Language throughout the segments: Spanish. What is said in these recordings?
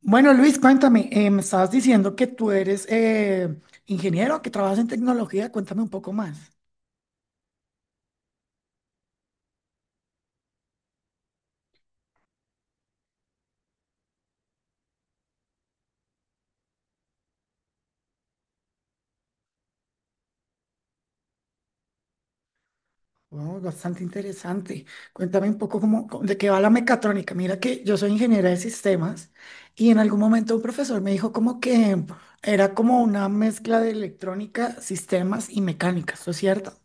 Bueno, Luis, cuéntame, me estabas diciendo que tú eres ingeniero, que trabajas en tecnología, cuéntame un poco más. Wow, bastante interesante. Cuéntame un poco de qué va la mecatrónica. Mira que yo soy ingeniera de sistemas y en algún momento un profesor me dijo como que era como una mezcla de electrónica, sistemas y mecánica, ¿esto es cierto?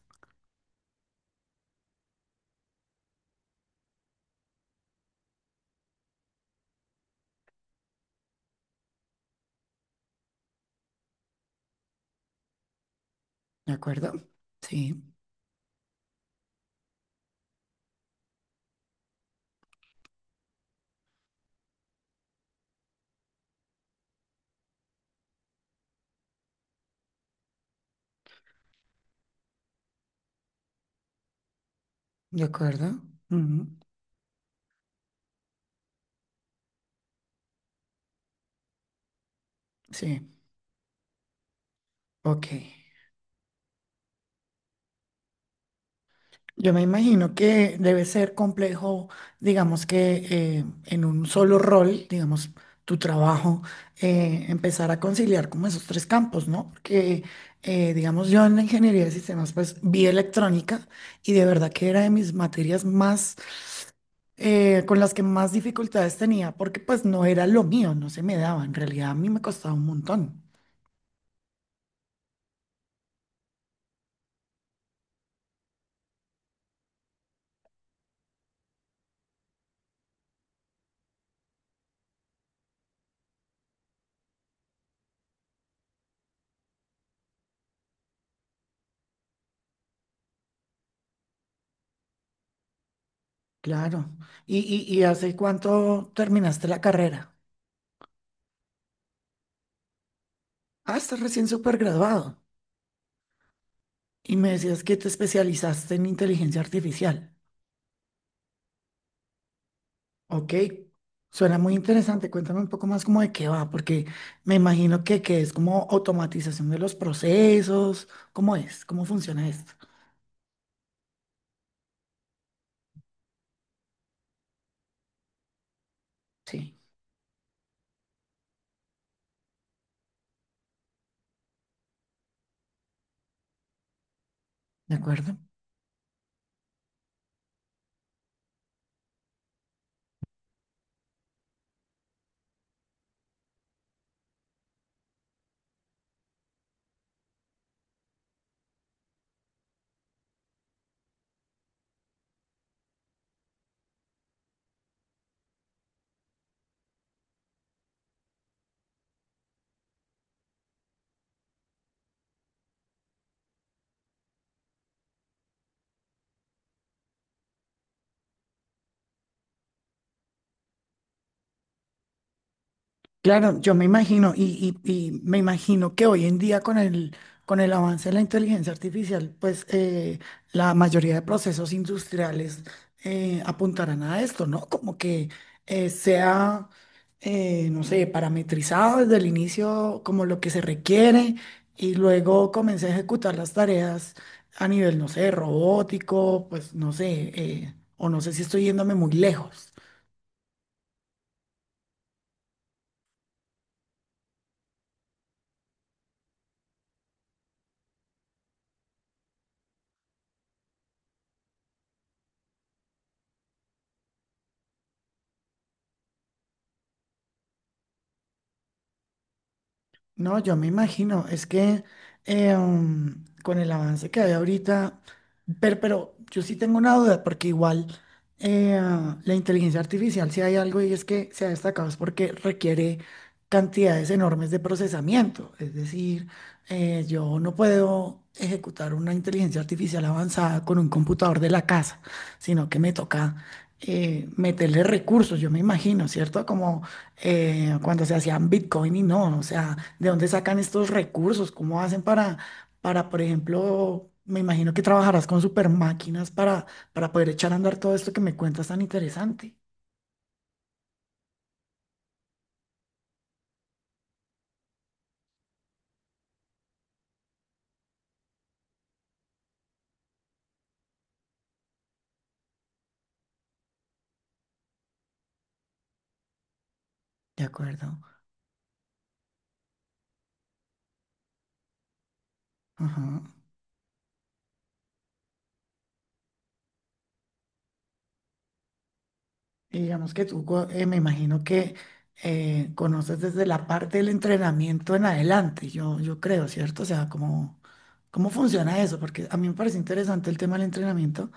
¿De acuerdo? Sí, de acuerdo. Ujú. Sí, ok. Yo me imagino que debe ser complejo, digamos que en un solo rol, digamos, tu trabajo, empezar a conciliar como esos tres campos, ¿no? Porque, digamos, yo en la ingeniería de sistemas, pues vi electrónica y de verdad que era de mis materias más, con las que más dificultades tenía, porque pues no era lo mío, no se me daba, en realidad a mí me costaba un montón, claro. ¿¿Y hace cuánto terminaste la carrera? Ah, estás recién súper graduado. Y me decías que te especializaste en inteligencia artificial. Ok, suena muy interesante. Cuéntame un poco más como de qué va, porque me imagino que es como automatización de los procesos. ¿Cómo es? ¿Cómo funciona esto? Sí, de acuerdo. Claro, yo me imagino, y me imagino que hoy en día con el avance de la inteligencia artificial, pues la mayoría de procesos industriales apuntarán a esto, ¿no? Como que sea, no sé, parametrizado desde el inicio como lo que se requiere y luego comience a ejecutar las tareas a nivel, no sé, robótico, pues no sé, o no sé si estoy yéndome muy lejos. No, yo me imagino, es que con el avance que hay ahorita, pero yo sí tengo una duda, porque igual la inteligencia artificial, si hay algo y es que se ha destacado, es porque requiere cantidades enormes de procesamiento. Es decir, yo no puedo ejecutar una inteligencia artificial avanzada con un computador de la casa, sino que me toca meterle recursos, yo me imagino, ¿cierto? Como cuando se hacían Bitcoin y no, o sea, ¿de dónde sacan estos recursos? ¿Cómo hacen por ejemplo, me imagino que trabajarás con super máquinas para poder echar a andar todo esto que me cuentas tan interesante? De acuerdo. Ajá. Y digamos que tú, me imagino que conoces desde la parte del entrenamiento en adelante, yo creo, ¿cierto? O sea, ¿cómo funciona eso? Porque a mí me parece interesante el tema del entrenamiento.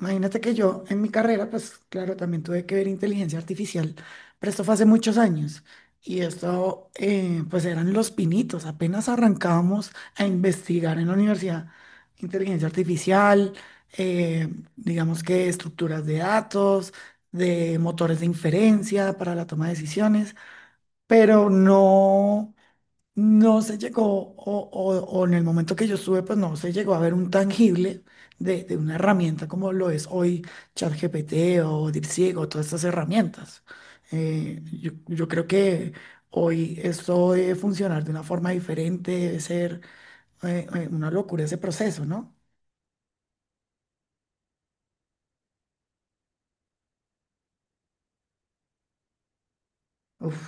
Imagínate que yo en mi carrera, pues claro, también tuve que ver inteligencia artificial, pero esto fue hace muchos años. Y esto, pues eran los pinitos, apenas arrancábamos a investigar en la universidad inteligencia artificial, eh, digamos que estructuras de datos, de motores de inferencia para la toma de decisiones, pero no. No se llegó, o en el momento que yo estuve, pues no se llegó a ver un tangible de una herramienta como lo es hoy ChatGPT o DeepSeek o todas estas herramientas. Yo creo que hoy esto debe funcionar de una forma diferente, debe ser una locura ese proceso, ¿no? Uf,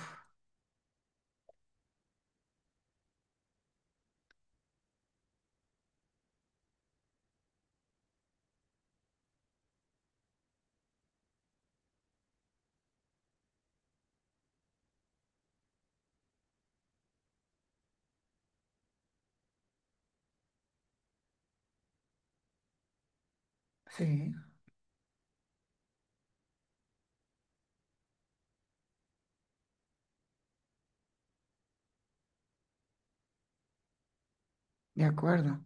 sí, de acuerdo.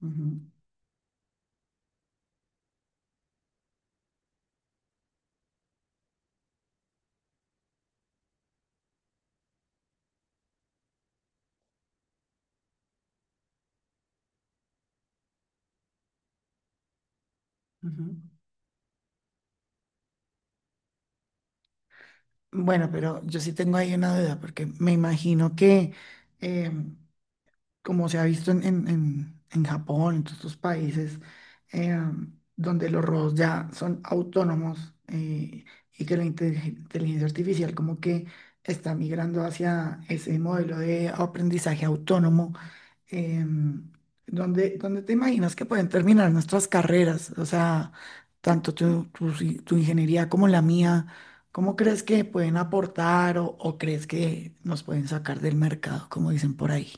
Ujú, ujú. Bueno, pero yo sí tengo ahí una duda, porque me imagino que em, como se ha visto en Japón, en todos estos países, eh, donde los robots ya son autónomos y que la inteligencia artificial como que está migrando hacia ese modelo de aprendizaje autónomo, eh, donde te imaginas que pueden terminar nuestras carreras, o sea, tanto tu, tu si- tu ingeniería como la mía. ¿Cómo crees que pueden aportar o crees que nos pueden sacar del mercado, como dicen por ahí?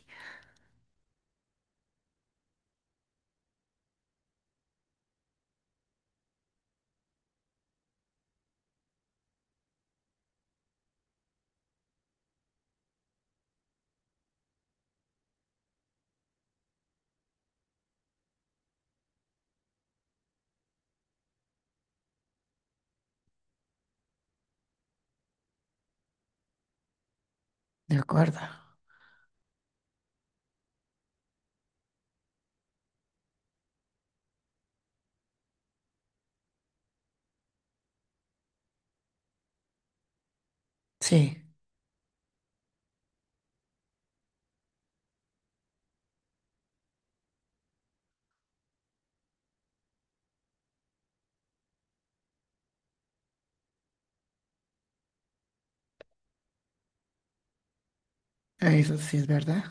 De acuerdo. Sí, eso sí es verdad.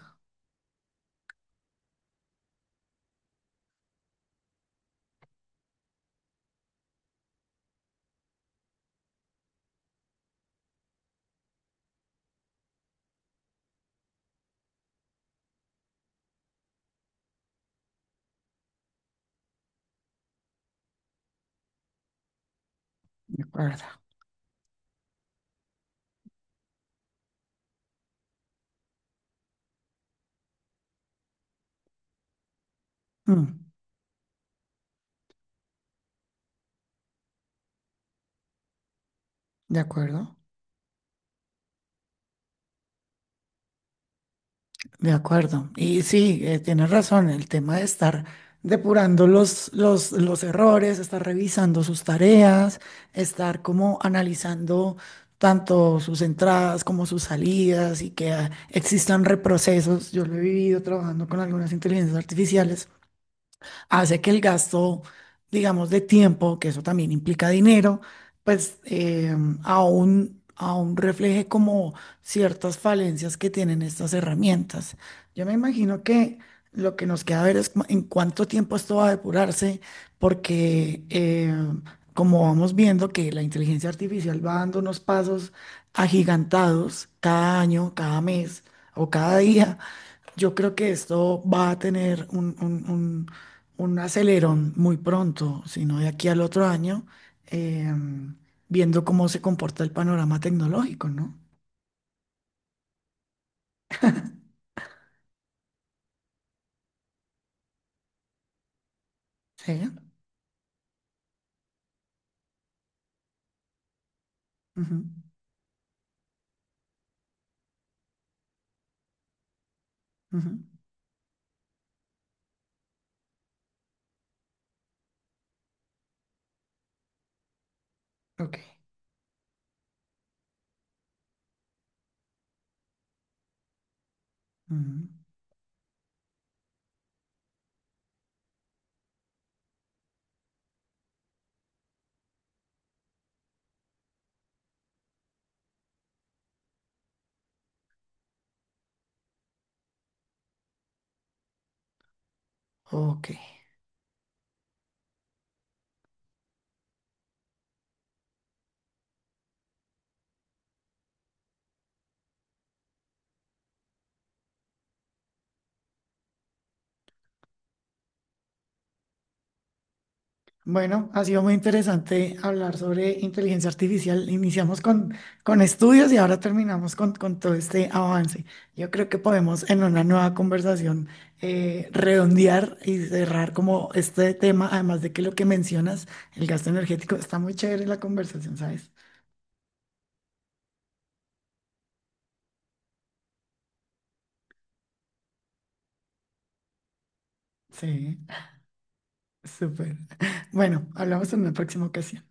De acuerdo. Mm, de acuerdo. De acuerdo. Y sí, tienes razón, el tema de estar depurando los errores, estar revisando sus tareas, estar como analizando tanto sus entradas como sus salidas y que ah, existan reprocesos. Yo lo he vivido trabajando con algunas inteligencias artificiales hace que el gasto, digamos, de tiempo, que eso también implica dinero, pues eh, aún refleje como ciertas falencias que tienen estas herramientas. Yo me imagino que lo que nos queda ver es en cuánto tiempo esto va a depurarse, porque como vamos viendo que la inteligencia artificial va dando unos pasos agigantados cada año, cada mes o cada día. Yo creo que esto va a tener un acelerón muy pronto, si no de aquí al otro año, em, viendo cómo se comporta el panorama tecnológico, ¿no? Sí. Ujú, ujú. Ok. Ujú. Ok. Bueno, ha sido muy interesante hablar sobre inteligencia artificial. Iniciamos con estudios y ahora terminamos con todo este avance. Yo creo que podemos en una nueva conversación redondear y cerrar como este tema, además de que lo que mencionas, el gasto energético, está muy chévere la conversación, ¿sabes? Sí, súper. Bueno, hablamos en una próxima ocasión.